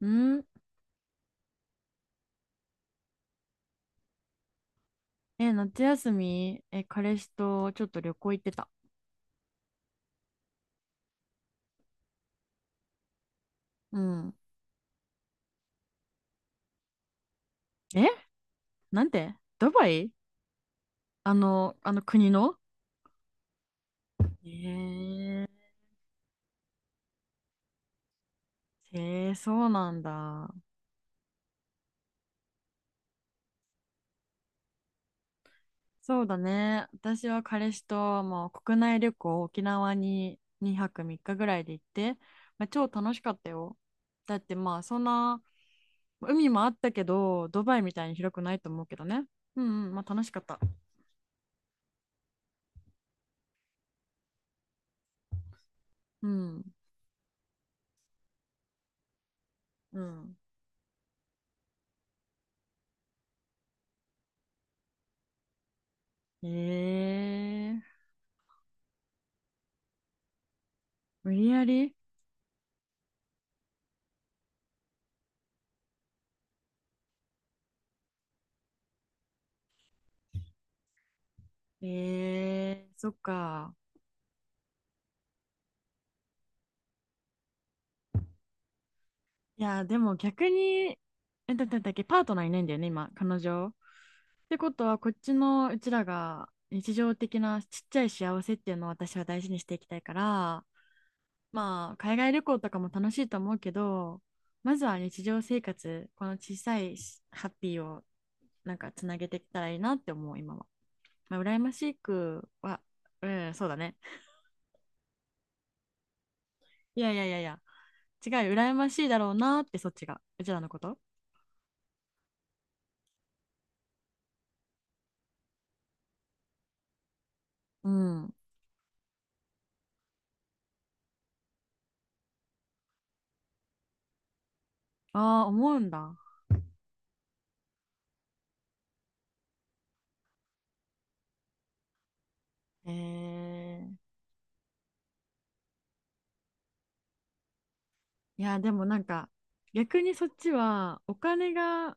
うん。え、夏休み、え、彼氏とちょっと旅行行ってた。うん。え、なんで。ドバイ。あの、あの国の。えー、そうなんだ。そうだね。私は彼氏ともう国内旅行、沖縄に2泊3日ぐらいで行って、まあ、超楽しかったよ。だってまあそんな、海もあったけど、ドバイみたいに広くないと思うけどね。うんうん、まあ楽しかった。うん、うん。ええ。無理やり。そっか。いや、でも逆に、え、だっけ、パートナーいないんだよね、今、彼女。ってことは、こっちのうちらが日常的なちっちゃい幸せっていうのを私は大事にしていきたいから、まあ、海外旅行とかも楽しいと思うけど、まずは日常生活、この小さいしハッピーをなんかつなげていけたらいいなって思う、今は。まあ、羨ましくは、うん、そうだね。いやいやいやいや。違う、羨ましいだろうなって、そっちが、うちらのこと。うん。ああ、思うんだ。へえ。いや、でもなんか、逆にそっちは、お金が、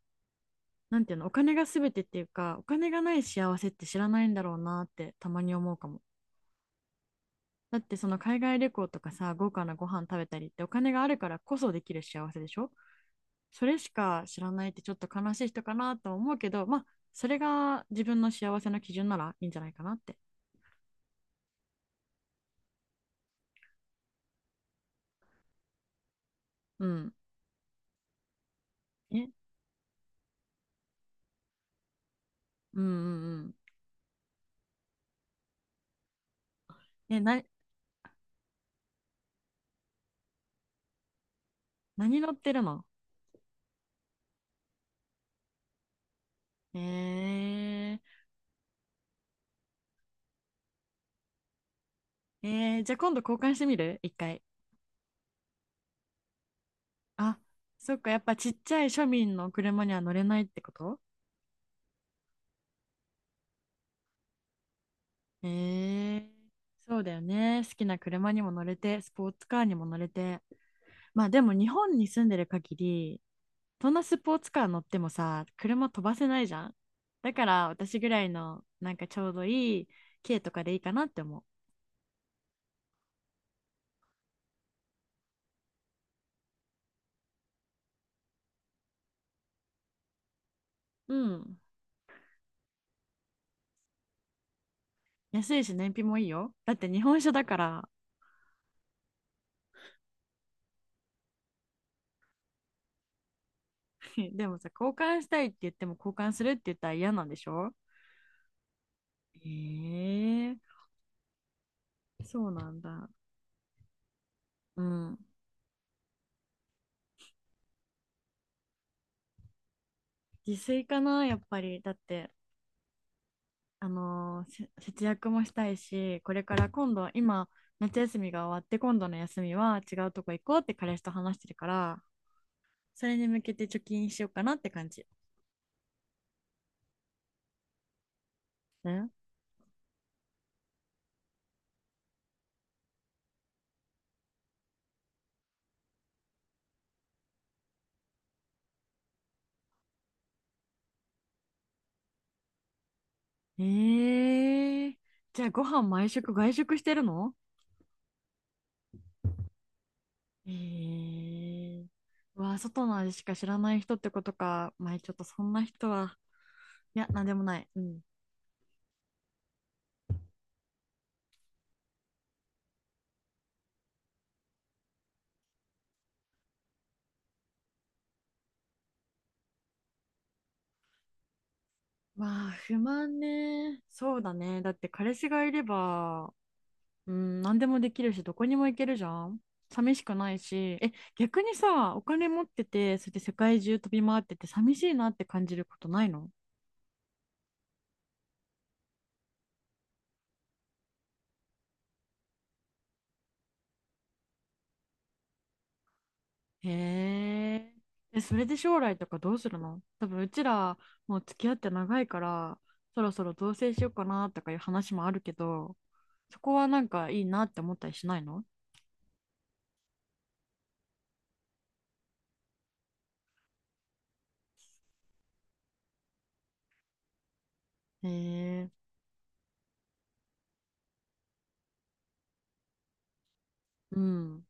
なんていうの、お金が全てっていうか、お金がない幸せって知らないんだろうなって、たまに思うかも。だって、その海外旅行とかさ、豪華なご飯食べたりって、お金があるからこそできる幸せでしょ？それしか知らないって、ちょっと悲しい人かなとは思うけど、まあ、それが自分の幸せの基準ならいいんじゃないかなって。うん。え。うんうん。え、何乗ってるの？えじゃあ今度交換してみる一回。あ、そっか、やっぱちっちゃい庶民の車には乗れないってこと？えー、そうだよね。好きな車にも乗れて、スポーツカーにも乗れて。まあでも日本に住んでる限り、どんなスポーツカー乗ってもさ、車飛ばせないじゃん。だから私ぐらいの、なんかちょうどいい軽とかでいいかなって思う。うん。安いし燃費もいいよ。だって日本車だから。でもさ、交換したいって言っても交換するって言ったら嫌なんでしょ？えーそうなんだ。うん。自炊かな、やっぱり。だって、あのーせ節約もしたいし、これから今度、今、夏休みが終わって、今度の休みは違うとこ行こうって彼氏と話してるから、それに向けて貯金しようかなって感じ。ええー。じゃあご飯毎食外食してるの？えー、うわ、外の味しか知らない人ってことか。まあ、ちょっとそんな人は、いや、なんでもない。うん。まあ、不満ね。そうだね。だって彼氏がいれば、うん、何でもできるし、どこにも行けるじゃん。寂しくないし。え、逆にさ、お金持ってて、それで世界中飛び回ってて、寂しいなって感じることないの？へえ。え、それで将来とかどうするの？多分うちらもう付き合って長いから、そろそろ同棲しようかなとかいう話もあるけど、そこはなんかいいなって思ったりしないの？へえ。うん。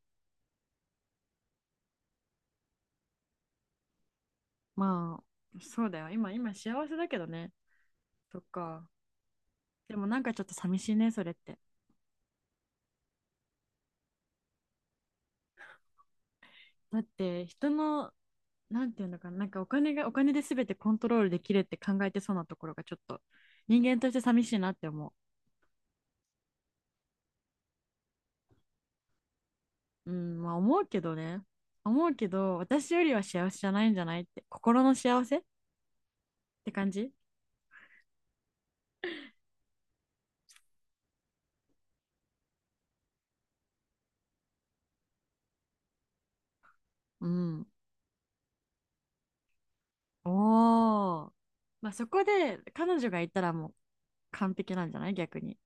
まあ、そうだよ。今幸せだけどね。そっか。でもなんかちょっと寂しいね、それって。だって人の、なんていうのかな、なんかお金がお金で全てコントロールできるって考えてそうなところがちょっと人間として寂しいなって思う。うん、まあ思うけどね。思うけど、私よりは幸せじゃないんじゃない？って、心の幸せって感じ。うん。おお。まあそこで彼女がいたらもう完璧なんじゃない？逆に。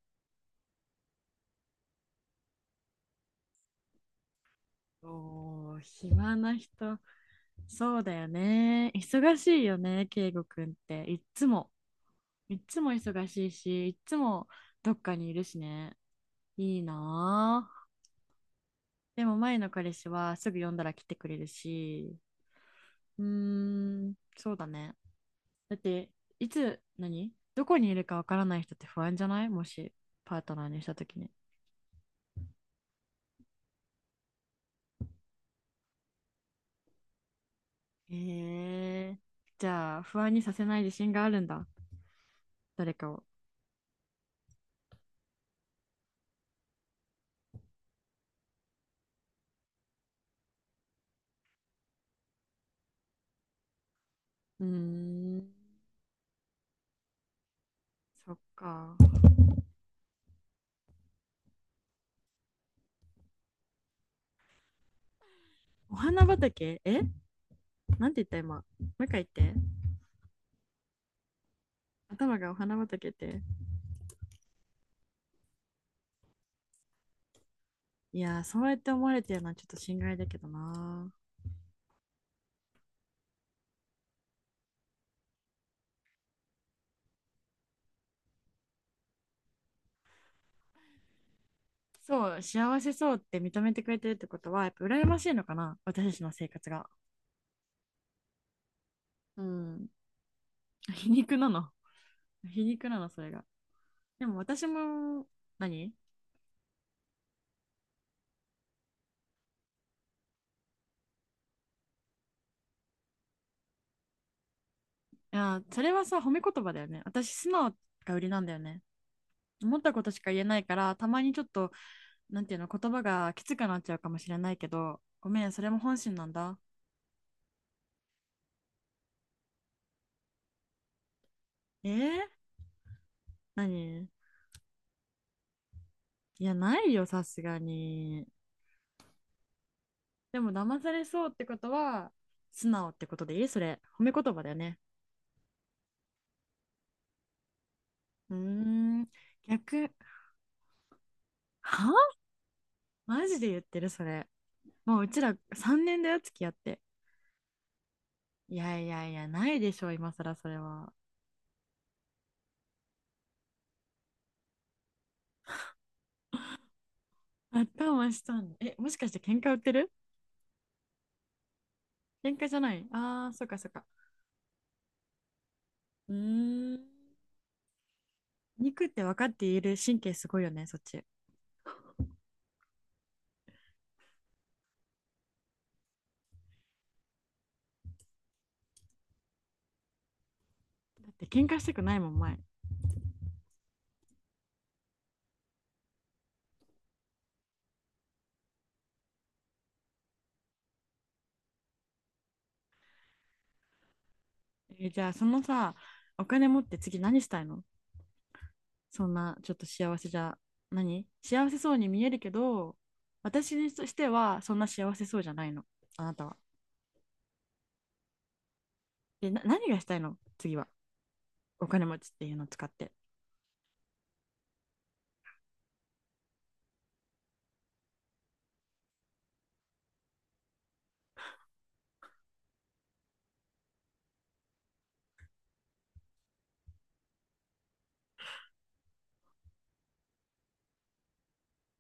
おー、暇な人。そうだよね。忙しいよね、圭吾くんって。いっつも。いっつも忙しいし、いっつもどっかにいるしね。いいなぁ。でも前の彼氏はすぐ呼んだら来てくれるし。うーん、そうだね。だっていつ何どこにいるかわからない人って不安じゃない？もしパートナーにした時に。えーじゃあ不安にさせない自信があるんだ？誰かを。うーん。そっか。お花畑？え、なんて言った今？もう一回言って。頭がお花畑って。いやー、そうやって思われてるのはちょっと心外だけどな。そう、幸せそうって認めてくれてるってことはやっぱ羨ましいのかな、私たちの生活が。うん。皮肉なの？皮肉なのそれが。でも私も、何？いや、それはさ、褒め言葉だよね。私、素直が売りなんだよね。思ったことしか言えないから、たまにちょっと、なんていうの、言葉がきつくなっちゃうかもしれないけど、ごめん、それも本心なんだ。えー、何？いや、ないよ、さすがに。でも、騙されそうってことは、素直ってことでいい？それ。褒め言葉だよね。うーん。逆。は？マジで言ってる、それ？もう、うちら3年だよ、付き合って。いやいやいや、ないでしょ、今更それは。頭したんだ。え、もしかして喧嘩売ってる？喧嘩じゃない、ああー、そっかそっか。うーん。肉って分かっている神経すごいよね、そっち。だって喧嘩したくないもん、前。じゃあ、そのさ、お金持って次何したいの？そんな、ちょっと幸せじゃ、何？幸せそうに見えるけど、私にとしてはそんな幸せそうじゃないの、あなたは。で、何がしたいの次は？お金持ちっていうのを使って。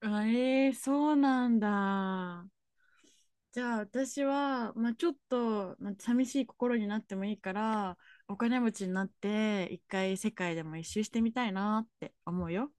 あ。そうなんだ。じゃあ私は、まあ、ちょっと、まあ、寂しい心になってもいいからお金持ちになって一回世界でも一周してみたいなって思うよ。